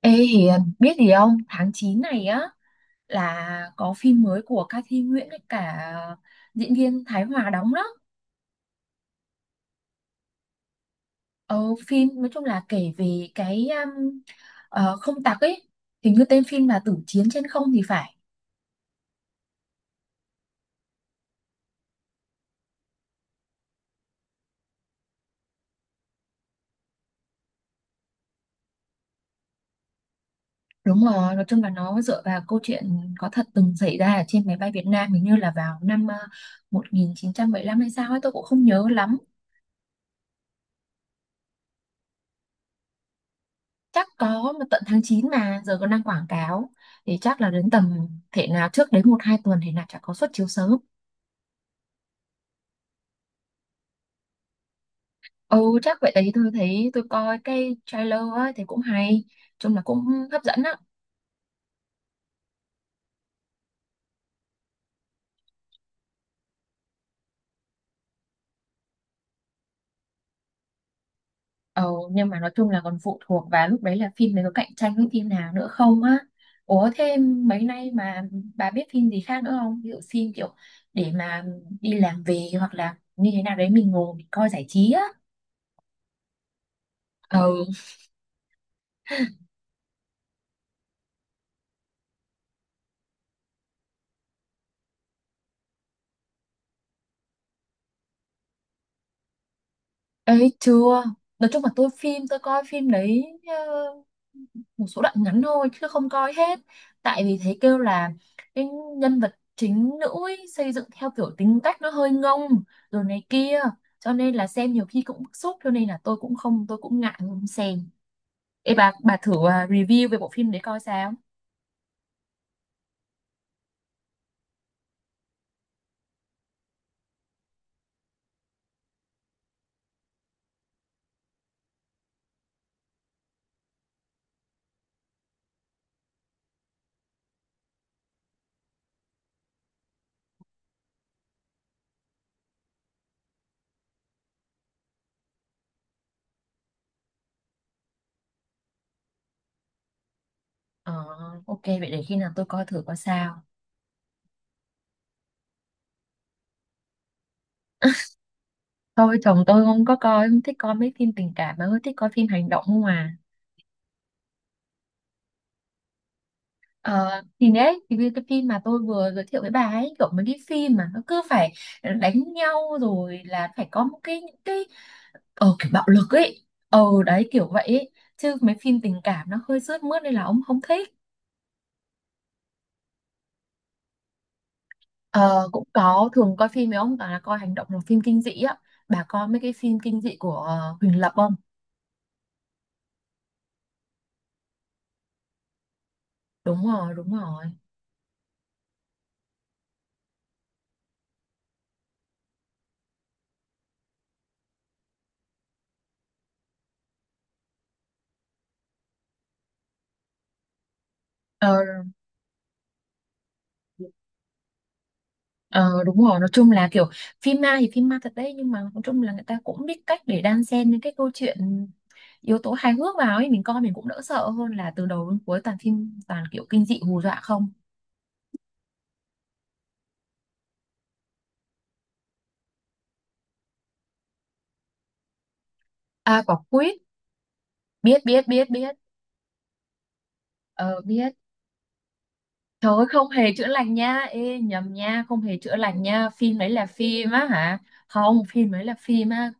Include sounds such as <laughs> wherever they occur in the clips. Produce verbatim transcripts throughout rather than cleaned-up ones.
Ê Hiền, biết gì không? Tháng chín này á là có phim mới của ca Thi Nguyễn với cả diễn viên Thái Hòa đóng đó. Ờ, phim nói chung là kể về cái um, ờ, không tặc ấy. Hình như tên phim là Tử Chiến Trên Không thì phải. Đúng rồi, nói chung là nó dựa vào câu chuyện có thật từng xảy ra ở trên máy bay Việt Nam hình như là vào năm ờ, một nghìn chín trăm bảy mươi lăm hay sao ấy, tôi cũng không nhớ lắm. Chắc có mà tận tháng chín mà giờ còn đang quảng cáo thì chắc là đến tầm, thể nào trước đấy một hai tuần thì là chả có suất chiếu sớm. Ừ, chắc vậy đấy, tôi thấy tôi coi cái trailer á thì cũng hay, chung là cũng hấp dẫn á. Ừ, nhưng mà nói chung là còn phụ thuộc vào lúc đấy là phim này có cạnh tranh với phim nào nữa không á. Ủa thêm mấy nay mà bà biết phim gì khác nữa không, ví dụ phim kiểu để mà đi làm về hoặc là như thế nào đấy mình ngồi mình coi giải trí á. Ừ ấy chưa. Nói chung là tôi phim tôi coi phim đấy, ờ, một số đoạn ngắn thôi chứ không coi hết, tại vì thấy kêu là cái nhân vật chính nữ ấy, xây dựng theo kiểu tính cách nó hơi ngông rồi này kia, cho nên là xem nhiều khi cũng bức xúc, cho nên là tôi cũng không tôi cũng ngại không xem. Ê bà bà thử à, review về bộ phim đấy coi sao. Ờ ok vậy để khi nào tôi coi thử coi sao. Thôi chồng tôi không có coi, không thích coi mấy phim tình cảm mà hơi thích coi phim hành động không à. Ờ, thì đấy thì cái cái phim mà tôi vừa giới thiệu với bà ấy, kiểu mấy cái phim mà nó cứ phải đánh nhau rồi là phải có một cái những cái, ờ kiểu bạo lực ấy, ờ đấy kiểu vậy ấy. Chứ mấy phim tình cảm nó hơi sướt mướt nên là ông không thích. Ờ cũng có, thường coi phim với ông toàn là coi hành động hoặc phim kinh dị á. Bà coi mấy cái phim kinh dị của ờ, Huỳnh Lập không? Đúng rồi, đúng rồi. Ờ. Ờ đúng rồi, nói chung là kiểu phim ma thì phim ma thật đấy, nhưng mà nói chung là người ta cũng biết cách để đan xen những cái câu chuyện yếu tố hài hước vào ấy, mình coi mình cũng đỡ sợ hơn là từ đầu đến cuối toàn phim toàn kiểu kinh dị hù dọa không. À quả quýt, biết biết biết biết. Ờ biết. Trời ơi không hề chữa lành nha, ê nhầm nha, không hề chữa lành nha, phim đấy là phim á hả? Không, phim đấy là phim á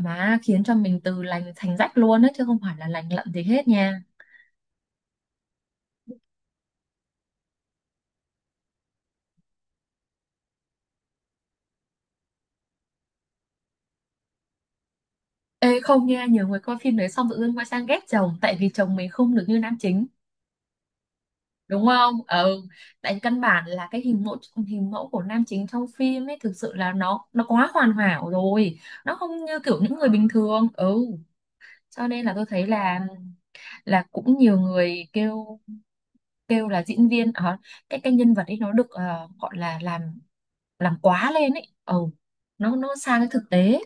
mà khiến cho mình từ lành thành rách luôn á chứ không phải là lành lặn gì hết nha. Ê không nha, nhiều người coi phim đấy xong tự dưng quay sang ghét chồng tại vì chồng mình không được như nam chính, đúng không? Ừ, tại căn bản là cái hình mẫu hình mẫu của nam chính trong phim ấy thực sự là nó nó quá hoàn hảo rồi, nó không như kiểu những người bình thường. Ừ, cho nên là tôi thấy là là cũng nhiều người kêu, kêu là diễn viên ở cái cái nhân vật ấy nó được ờ, gọi là làm làm quá lên ấy. Ừ, nó nó xa cái thực tế.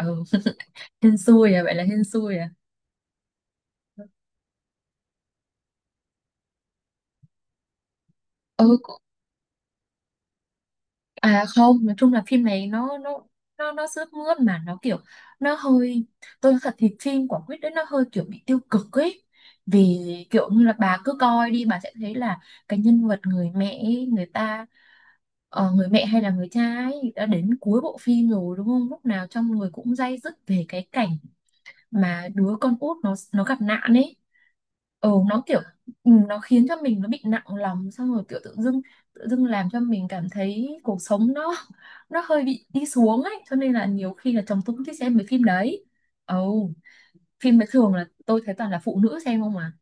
Ừ, <laughs> hên xui à, vậy là hên xui à. Ừ, À không, nói chung là phim này nó nó nó nó sướt mướt mà nó kiểu, nó hơi, tôi nói thật thì phim của Quyết đấy nó hơi kiểu bị tiêu cực ấy. Vì kiểu như là bà cứ coi đi bà sẽ thấy là cái nhân vật người mẹ ấy, người ta, ờ, người mẹ hay là người cha ấy đã đến cuối bộ phim rồi đúng không? Lúc nào trong người cũng day dứt về cái cảnh mà đứa con út nó nó gặp nạn ấy, ừ nó kiểu, ừ, nó khiến cho mình nó bị nặng lòng xong rồi kiểu tự dưng tự dưng làm cho mình cảm thấy cuộc sống nó nó hơi bị đi xuống ấy, cho nên là nhiều khi là chồng tôi cũng thích xem mấy phim đấy. Ồ phim đấy thường là tôi thấy toàn là phụ nữ xem không mà.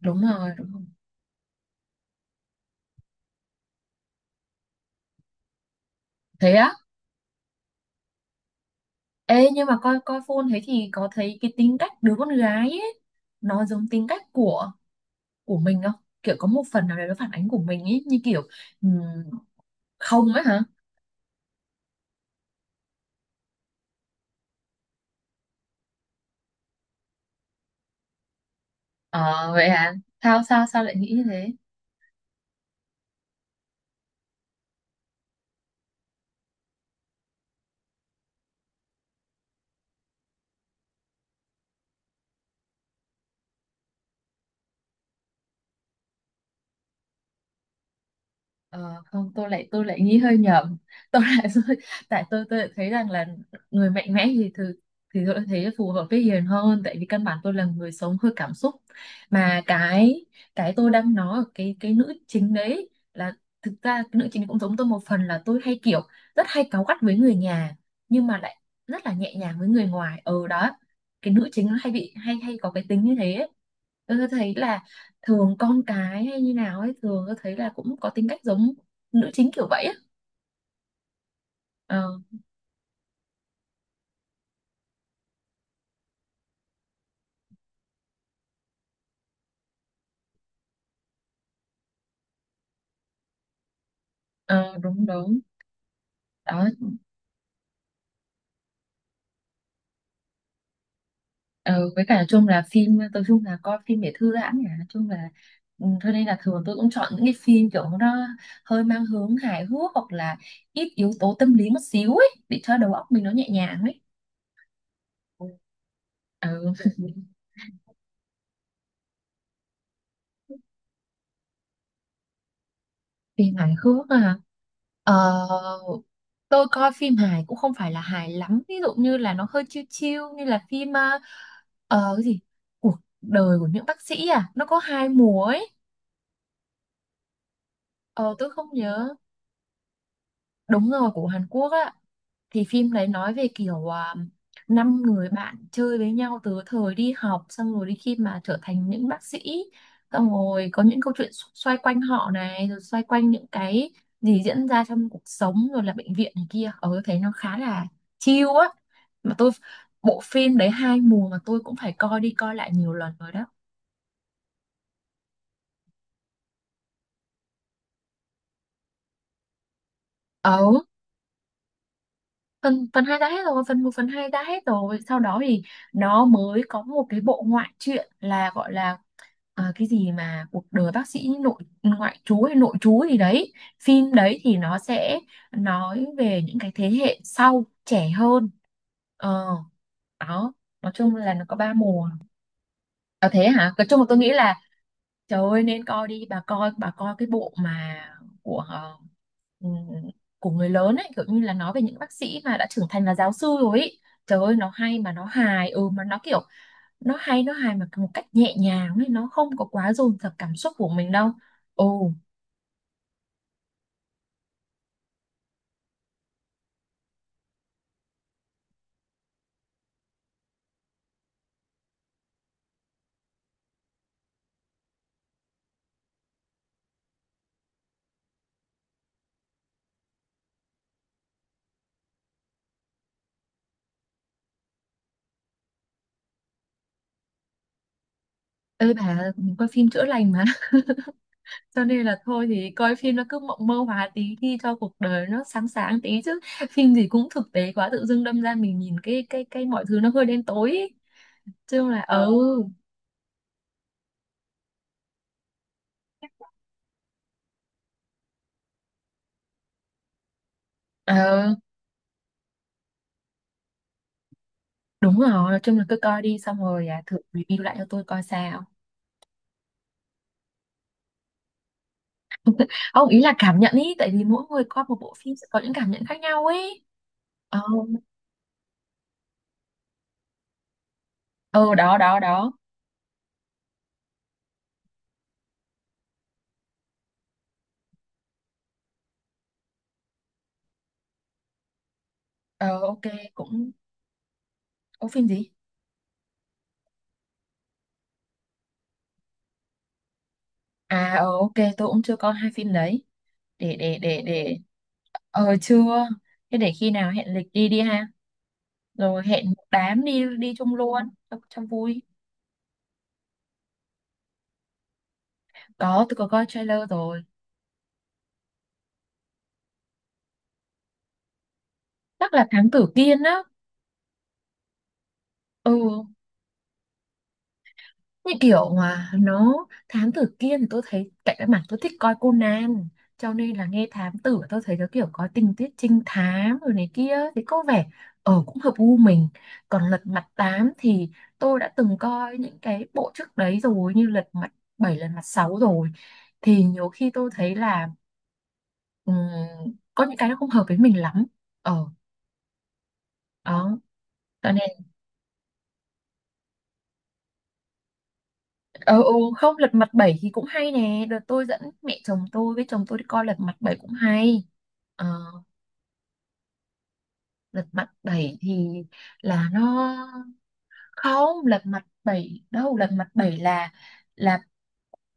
Đúng rồi đúng không. Thế á. Ê nhưng mà coi coi phone thế thì có thấy cái tính cách đứa con gái ấy nó giống tính cách của của mình không, kiểu có một phần nào đấy nó phản ánh của mình ấy, như kiểu ừm, không ấy hả. Ờ vậy à? Sao sao Sao lại nghĩ như thế? Ờ không, tôi lại tôi lại nghĩ hơi nhầm. Tôi lại <laughs> tại tôi tôi lại thấy rằng là người mạnh mẽ thì thường thì tôi lại thấy phù hợp với Hiền hơn, tại vì căn bản tôi là người sống hơi cảm xúc. Mà cái cái tôi đang nói ở cái cái nữ chính đấy, là thực ra cái nữ chính cũng giống tôi một phần là tôi hay kiểu rất hay cáu gắt với người nhà nhưng mà lại rất là nhẹ nhàng với người ngoài. Ừ đó. Cái nữ chính nó hay bị hay hay có cái tính như thế ấy. Tôi thấy là thường con cái hay như nào ấy, thường tôi thấy là cũng có tính cách giống nữ chính kiểu vậy á. Ờ, ờ, đúng đúng đó. Ờ, với cả chung là phim tôi chung là coi phim để thư giãn nhỉ, chung là, ừ, cho nên là thường tôi cũng chọn những cái phim kiểu nó hơi mang hướng hài hước hoặc là ít yếu tố tâm lý một xíu ấy để cho đầu óc mình nó nhẹ nhàng ấy. Ừ. Ừ. <laughs> Phim hài hước à. Ờ tôi coi phim hài cũng không phải là hài lắm, ví dụ như là nó hơi chill chill như là phim ờ, ờ, cái gì, cuộc đời của những bác sĩ à, nó có hai mùa ấy. Ờ tôi không nhớ. Đúng rồi, của Hàn Quốc á. Thì phim đấy nói về kiểu à, năm người bạn chơi với nhau từ thời đi học, xong rồi đi khi mà trở thành những bác sĩ, xong rồi có những câu chuyện xo- xoay quanh họ này rồi xoay quanh những cái gì diễn ra trong cuộc sống rồi là bệnh viện này kia. Ờ tôi thấy nó khá là chill á. Mà tôi, bộ phim đấy hai mùa mà tôi cũng phải coi đi coi lại nhiều lần rồi đó. Ờ phần phần hai đã hết rồi, phần một phần hai đã hết rồi, sau đó thì nó mới có một cái bộ ngoại truyện là gọi là ờ, cái gì mà cuộc đời bác sĩ nội ngoại trú hay nội trú gì đấy. Phim đấy thì nó sẽ nói về những cái thế hệ sau trẻ hơn. Ờ đó. Nói chung là nó có ba mùa. À, thế hả, nói chung là tôi nghĩ là, trời ơi nên coi đi bà, coi bà coi cái bộ mà của ờ, ừm, của người lớn ấy, kiểu như là nói về những bác sĩ mà đã trưởng thành là giáo sư rồi ấy. Trời ơi nó hay mà nó hài, ừ mà nó kiểu, nó hay nó hài mà một cách nhẹ nhàng ấy, nó không có quá dồn dập cảm xúc của mình đâu. Ồ ơi bà, mình coi phim chữa lành mà <laughs> cho nên là thôi thì coi phim nó cứ mộng mơ hóa tí đi cho cuộc đời nó sáng sáng tí chứ, phim gì cũng thực tế quá tự dưng đâm ra mình nhìn cái cái cái mọi thứ nó hơi đen tối ấy. Chứ là, ờ, ừ. Ờ, đúng rồi, nói chung là cứ coi đi xong rồi à, thử review lại cho tôi coi sao. Không, ý là cảm nhận ý, tại vì mỗi người coi một bộ phim sẽ có những cảm nhận khác nhau ấy. Ờ, ờ đó, đó, đó. Ờ, ok, cũng... Có phim gì? À, ờ, ok, tôi cũng chưa coi hai phim đấy. Để, để, để, để... Ờ, chưa. Thế để khi nào hẹn lịch đi đi ha. Rồi hẹn một đám đi đi chung luôn, cho, cho vui. Có, tôi có coi trailer rồi. Chắc là Thám Tử Kiên á. Ừ, như kiểu mà nó, thám tử kia thì tôi thấy cạnh cái mảng tôi thích coi Conan, cho nên là nghe thám tử tôi thấy nó kiểu có tình tiết trinh thám rồi này kia thì có vẻ ở cũng hợp gu mình. Còn Lật Mặt Tám thì tôi đã từng coi những cái bộ trước đấy rồi như Lật Mặt Bảy Lật Mặt Sáu rồi, thì nhiều khi tôi thấy là ừm, có những cái nó không hợp với mình lắm, ờ đó cho nên. Ờ, ừ, không Lật Mặt Bảy thì cũng hay nè, đợt tôi dẫn mẹ chồng tôi với chồng tôi đi coi Lật Mặt Bảy cũng hay. Ờ, Lật Mặt Bảy thì là nó, không Lật Mặt Bảy đâu, Lật Mặt Bảy là là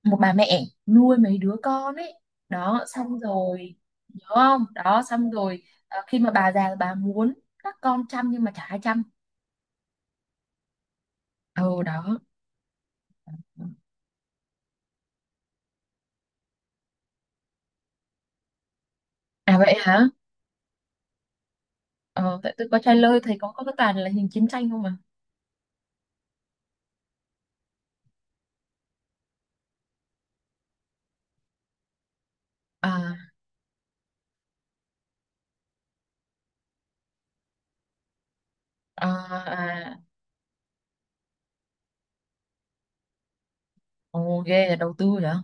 một bà mẹ nuôi mấy đứa con ấy, đó xong rồi, nhớ không đó xong rồi, ờ, khi mà bà già bà muốn các con chăm nhưng mà chả ai chăm. Ừ đó. À vậy hả, ờ, tại tôi có trai lơi thấy có có cái toàn là hình chiến tranh không mà. À, à. Ồ ghê là đầu tư vậy.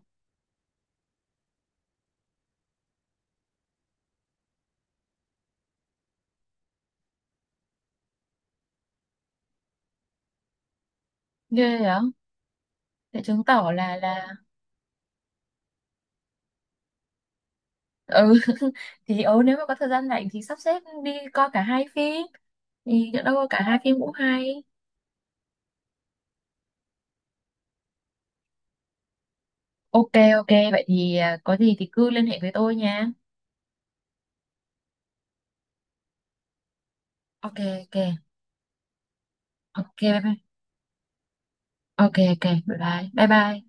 Ghê vậy. Thế chứng tỏ là là ừ <laughs> thì ừ nếu mà có thời gian rảnh thì sắp xếp đi coi cả hai phim, thì nhỡ đâu cả hai phim cũng hay. Ok ok vậy thì à, có gì thì cứ liên hệ với tôi nha. Ok ok ok bye bye. Ok ok bye bye bye bye.